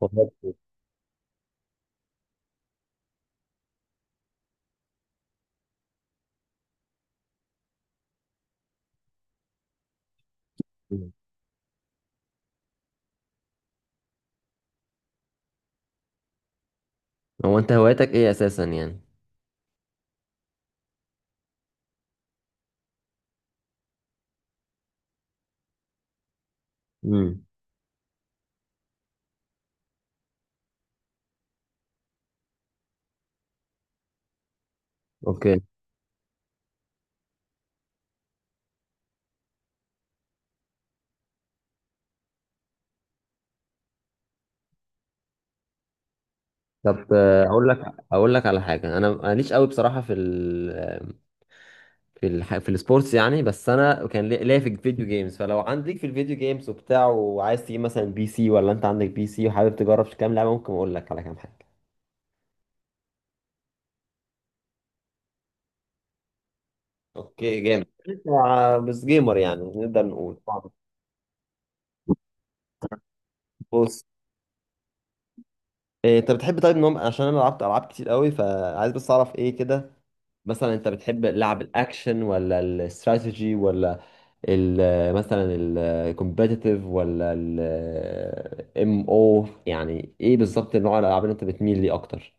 وفاكر. مم. هو انت هوايتك ايه اساسا يعني؟ امم. اوكي. طب اقول لك، اقول لك على حاجه. انا ماليش قوي بصراحه في ال، في الح...، في السبورتس يعني. بس انا كان ليا في الفيديو جيمز، فلو عندك في الفيديو جيمز وبتاع وعايز تجيب مثلا بي سي، ولا انت عندك بي سي وحابب تجرب في كام لعبه، ممكن اقول لك على كام حاجه. اوكي. جامد. بس جيمر يعني، نقدر نقول طبعاً. بص، انت بتحب طيب نوم؟ عشان انا لعبت العاب كتير قوي، فعايز بس اعرف ايه كده. مثلا انت بتحب لعب الاكشن ولا الاستراتيجي، ولا ال مثلا الكومبيتيتيف، ولا الام او، يعني ايه بالظبط نوع الالعاب اللي انت بتميل ليه اكتر؟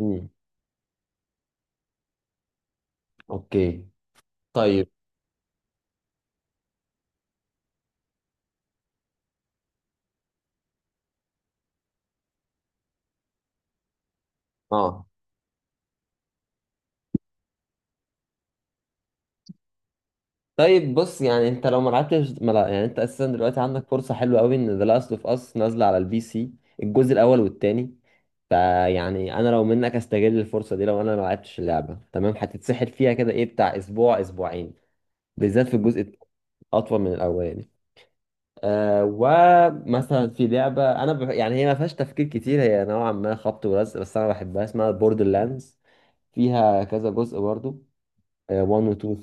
امم. اوكي. طيب. اه. طيب بص، يعني انت لو ما لعبتش، ما لا يعني انت اساسا دلوقتي عندك فرصه حلوه قوي، ان ذا لاست اوف اس نازله على البي سي، الجزء الاول والتاني. فيعني انا لو منك استغل الفرصه دي. لو انا ما لعبتش اللعبه، تمام، هتتسحل فيها كده ايه بتاع اسبوع اسبوعين، بالذات في الجزء اطول من الاولاني. آه، ومثلا في لعبه، انا يعني هي ما فيهاش تفكير كتير، هي نوعا ما خبط ولزق، بس انا بحبها، اسمها بوردر لاندز، فيها كذا جزء برضو، 1 و 2.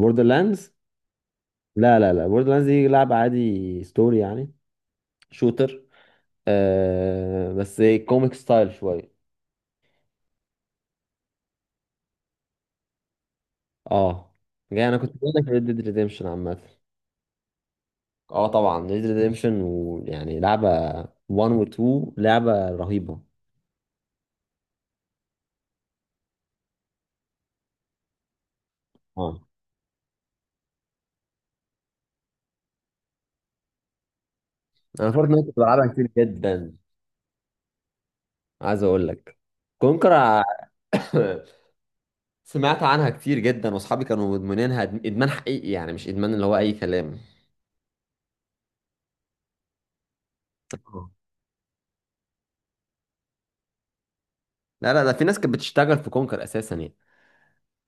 بوردر لاندز؟ لا بوردر لاندز دي لعبه عادي ستوري يعني، شوتر بس كوميك ستايل شويه. اه، جاي، انا كنت بقول لك ريد ديد ريديمشن عامه. اه طبعا ريد ديد ريديمشن، ويعني لعبه 1 و 2 لعبه رهيبه. اه. انا فورتنايت كنت بلعبها كتير جدا. عايز اقول لك كونكر. سمعت عنها كتير جدا، واصحابي كانوا مدمنينها ادمان حقيقي يعني، مش ادمان اللي هو اي كلام. آه. لا لا، ده في ناس كانت بتشتغل في كونكر اساسا يعني،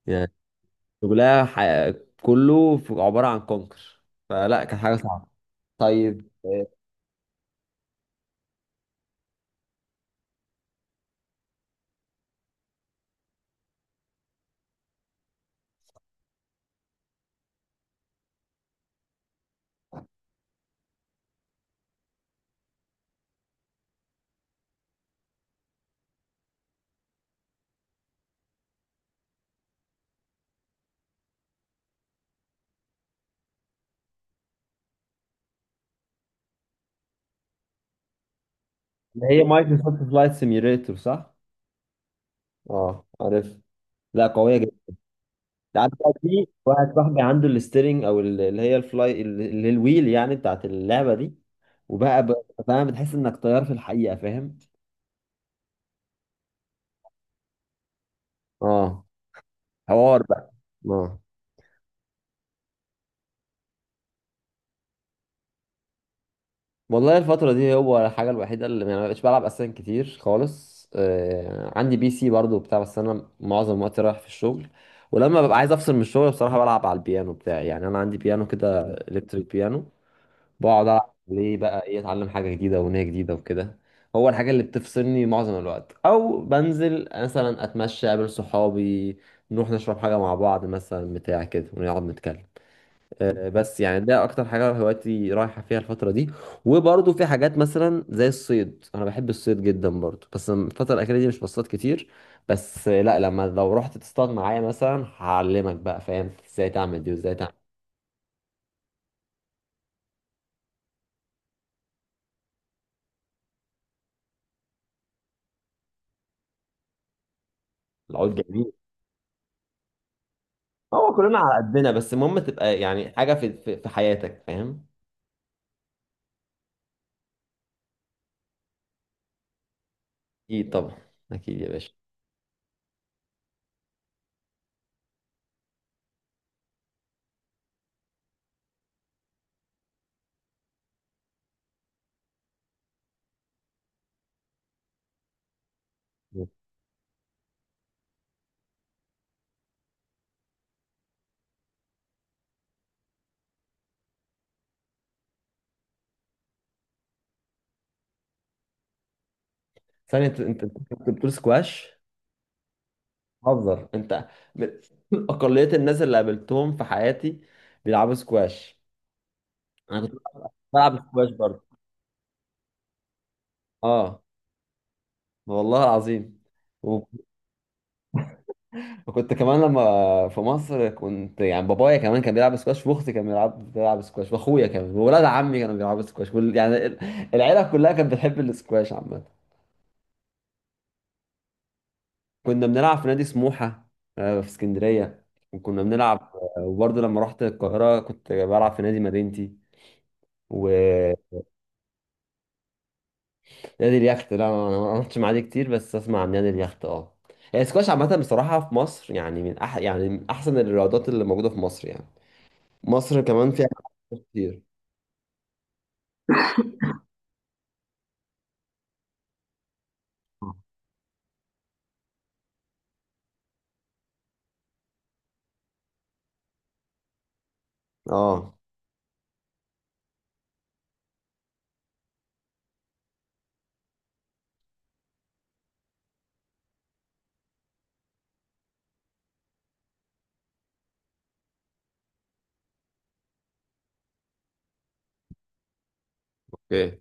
يعني شغلها ح- كله عبارة عن كونكر، فلا كانت حاجة صعبة. طيب. اللي هي مايكروسوفت فلايت سيميوليتور صح؟ اه عارف. لا قوية جدا. عارف بقى في واحد صاحبي عنده الستيرنج، او اللي هي الفلاي، اللي هي الويل يعني، بتاعت اللعبة دي، وبقى ب- فاهم، بتحس انك طيار في الحقيقة، فاهم. اه. حوار بقى. اه. والله الفترة دي هو الحاجة الوحيدة اللي يعني ما بقتش بلعب أساسا كتير خالص. عندي بي سي برضو بتاع، بس أنا معظم وقتي رايح في الشغل. ولما ببقى عايز أفصل من الشغل، بصراحة بلعب على البيانو بتاعي، يعني أنا عندي بيانو كده، إلكتريك بيانو. بقعد ألعب عليه بقى، إيه، أتعلم حاجة جديدة، أغنية جديدة وكده. هو الحاجة اللي بتفصلني معظم الوقت. أو بنزل مثلا أتمشى، أقابل صحابي، نروح نشرب حاجة مع بعض مثلا بتاع كده، ونقعد نتكلم. بس يعني ده اكتر حاجه هوايتي رايحه فيها الفتره دي. وبرضه في حاجات مثلا زي الصيد، انا بحب الصيد جدا برضه، بس الفتره الاخيره دي مش بصطاد كتير. بس لا، لما لو رحت تصطاد معايا مثلا، هعلمك بقى، فاهم، ازاي تعمل دي وازاي تعمل. العود جميل. هو كلنا على قدنا، بس المهم تبقى يعني حاجه في حياتك، فاهم. اكيد طبعا، اكيد يا باشا. ثانيه، انت انت أنت كنت بتقول سكواش؟ حذر انت من اقليه الناس اللي قابلتهم في حياتي بيلعبوا سكواش. انا كنت بلعب سكواش برضه. اه والله العظيم. و- وكنت كمان لما في مصر، كنت يعني بابايا كمان كان بيلعب سكواش، واختي كان بيلعب سكواش، واخويا كمان، وولاد عمي كانوا بيلعبوا سكواش، العيله كلها كانت بتحب السكواش عامه. كنا بنلعب في نادي سموحه، في اسكندريه، وكنا بنلعب. وبرضه لما رحت القاهره كنت بلعب في نادي مدينتي و. نادي اليخت؟ لا انا، أنا ما عملتش مع دي كتير، بس اسمع عن نادي اليخت، اه. هي السكواش عامه بصراحه في مصر يعني، من أح يعني من احسن الرياضات اللي موجوده في مصر يعني، مصر كمان فيها كتير. اه. اوكي.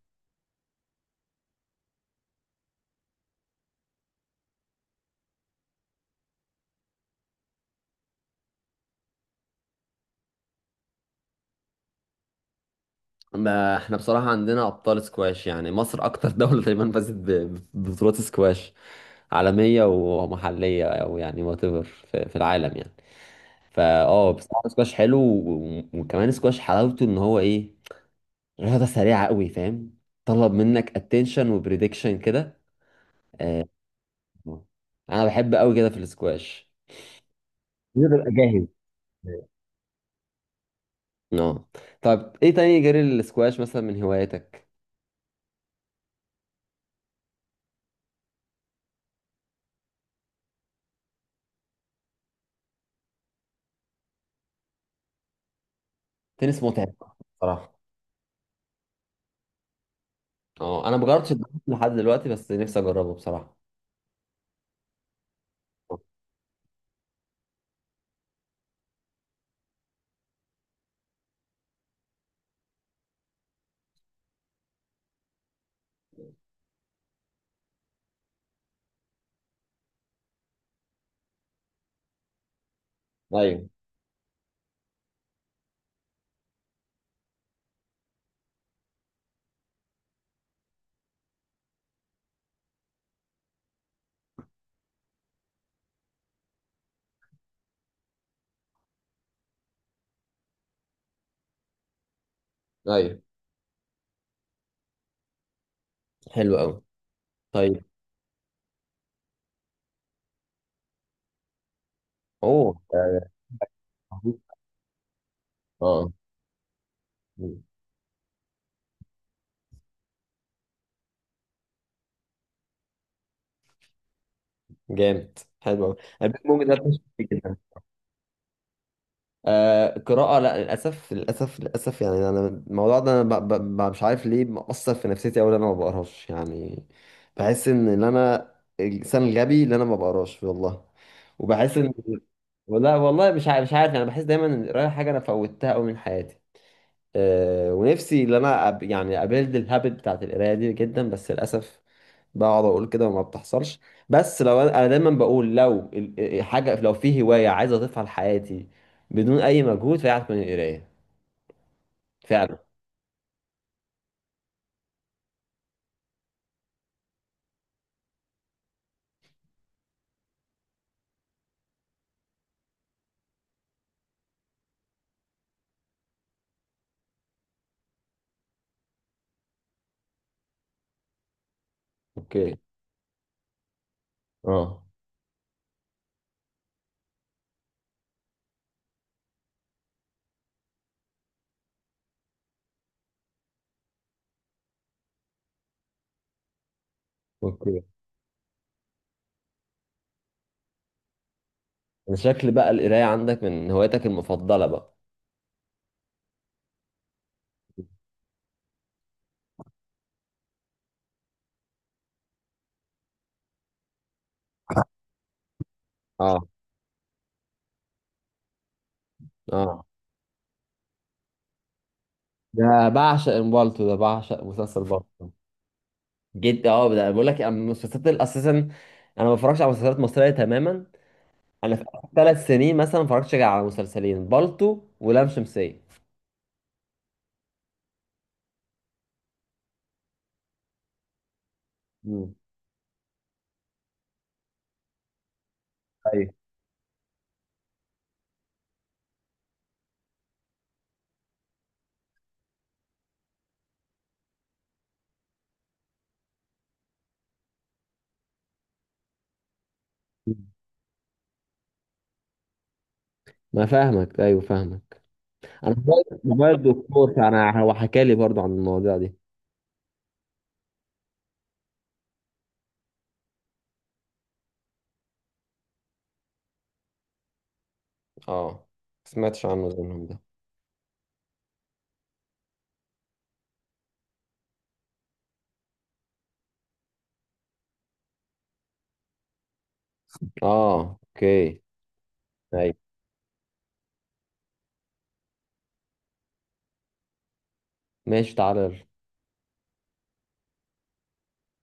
ما احنا بصراحه عندنا ابطال سكواش يعني، مصر اكتر دوله تقريبا فازت ببطولات سكواش عالميه ومحليه، او يعني وات ايفر في في العالم يعني. فا اه بصراحه سكواش حلو، وكمان سكواش حلاوته ان هو ايه، رياضة سريعة قوي، فاهم، طلب منك اتنشن وبريدكشن كده. انا بحب قوي كده في السكواش. لازم ابقى جاهز. اه. طب ايه تاني غير السكواش مثلا من هواياتك؟ تنس متعب بصراحة. اه انا مجربتش الدنيس لحد دلوقتي، بس نفسي اجربه بصراحة. ايوه ايوه. حلو قوي. طيب. اوه. اه. آه. جامد. حلو قوي. البيج بونج ده. آه قراءة. لا للأسف للأسف للأسف، يعني أنا الموضوع ده أنا مش عارف ليه مأثر في نفسيتي أوي، إن أنا ما بقراش يعني. بحس إن أنا الإنسان الغبي اللي أنا ما بقراش، والله. وبحس إن. والله والله مش عارف، مش عارف، أنا بحس دايما إن القراية حاجة أنا فوتها أوي من حياتي. ونفسي ان انا أب يعني ابيلد الهابت بتاعت القرايه دي جدا، بس للاسف بقعد اقول كده وما بتحصلش. بس أنا دايما بقول لو حاجه، لو في هوايه عايز اضيفها لحياتي بدون اي مجهود، فهي هتكون القرايه فعلا. اوكي. اه. اوكي. انا شكل بقى القرايه عندك من هواياتك المفضله بقى. اه. اه بعشق امبالتو، ده بعشق مسلسل بالتو جدا. اه، ده بقول لك المسلسلات اساسا، انا ما بفرجش على مسلسلات مصريه تماما. انا في اخر 3 سنين مثلا، ما اتفرجتش غير على مسلسلين، بالطو ولام شمسية. مم. ايوه. مم. ما فاهمك، ايوه فاهمك. انا موبايل موبايل دكتور، فانا هو حكى لي برضو عن المواضيع دي. اه، ما سمعتش عنه زيهم ده. اه. اوكي. ايوه. ماشي، تعالى يلا.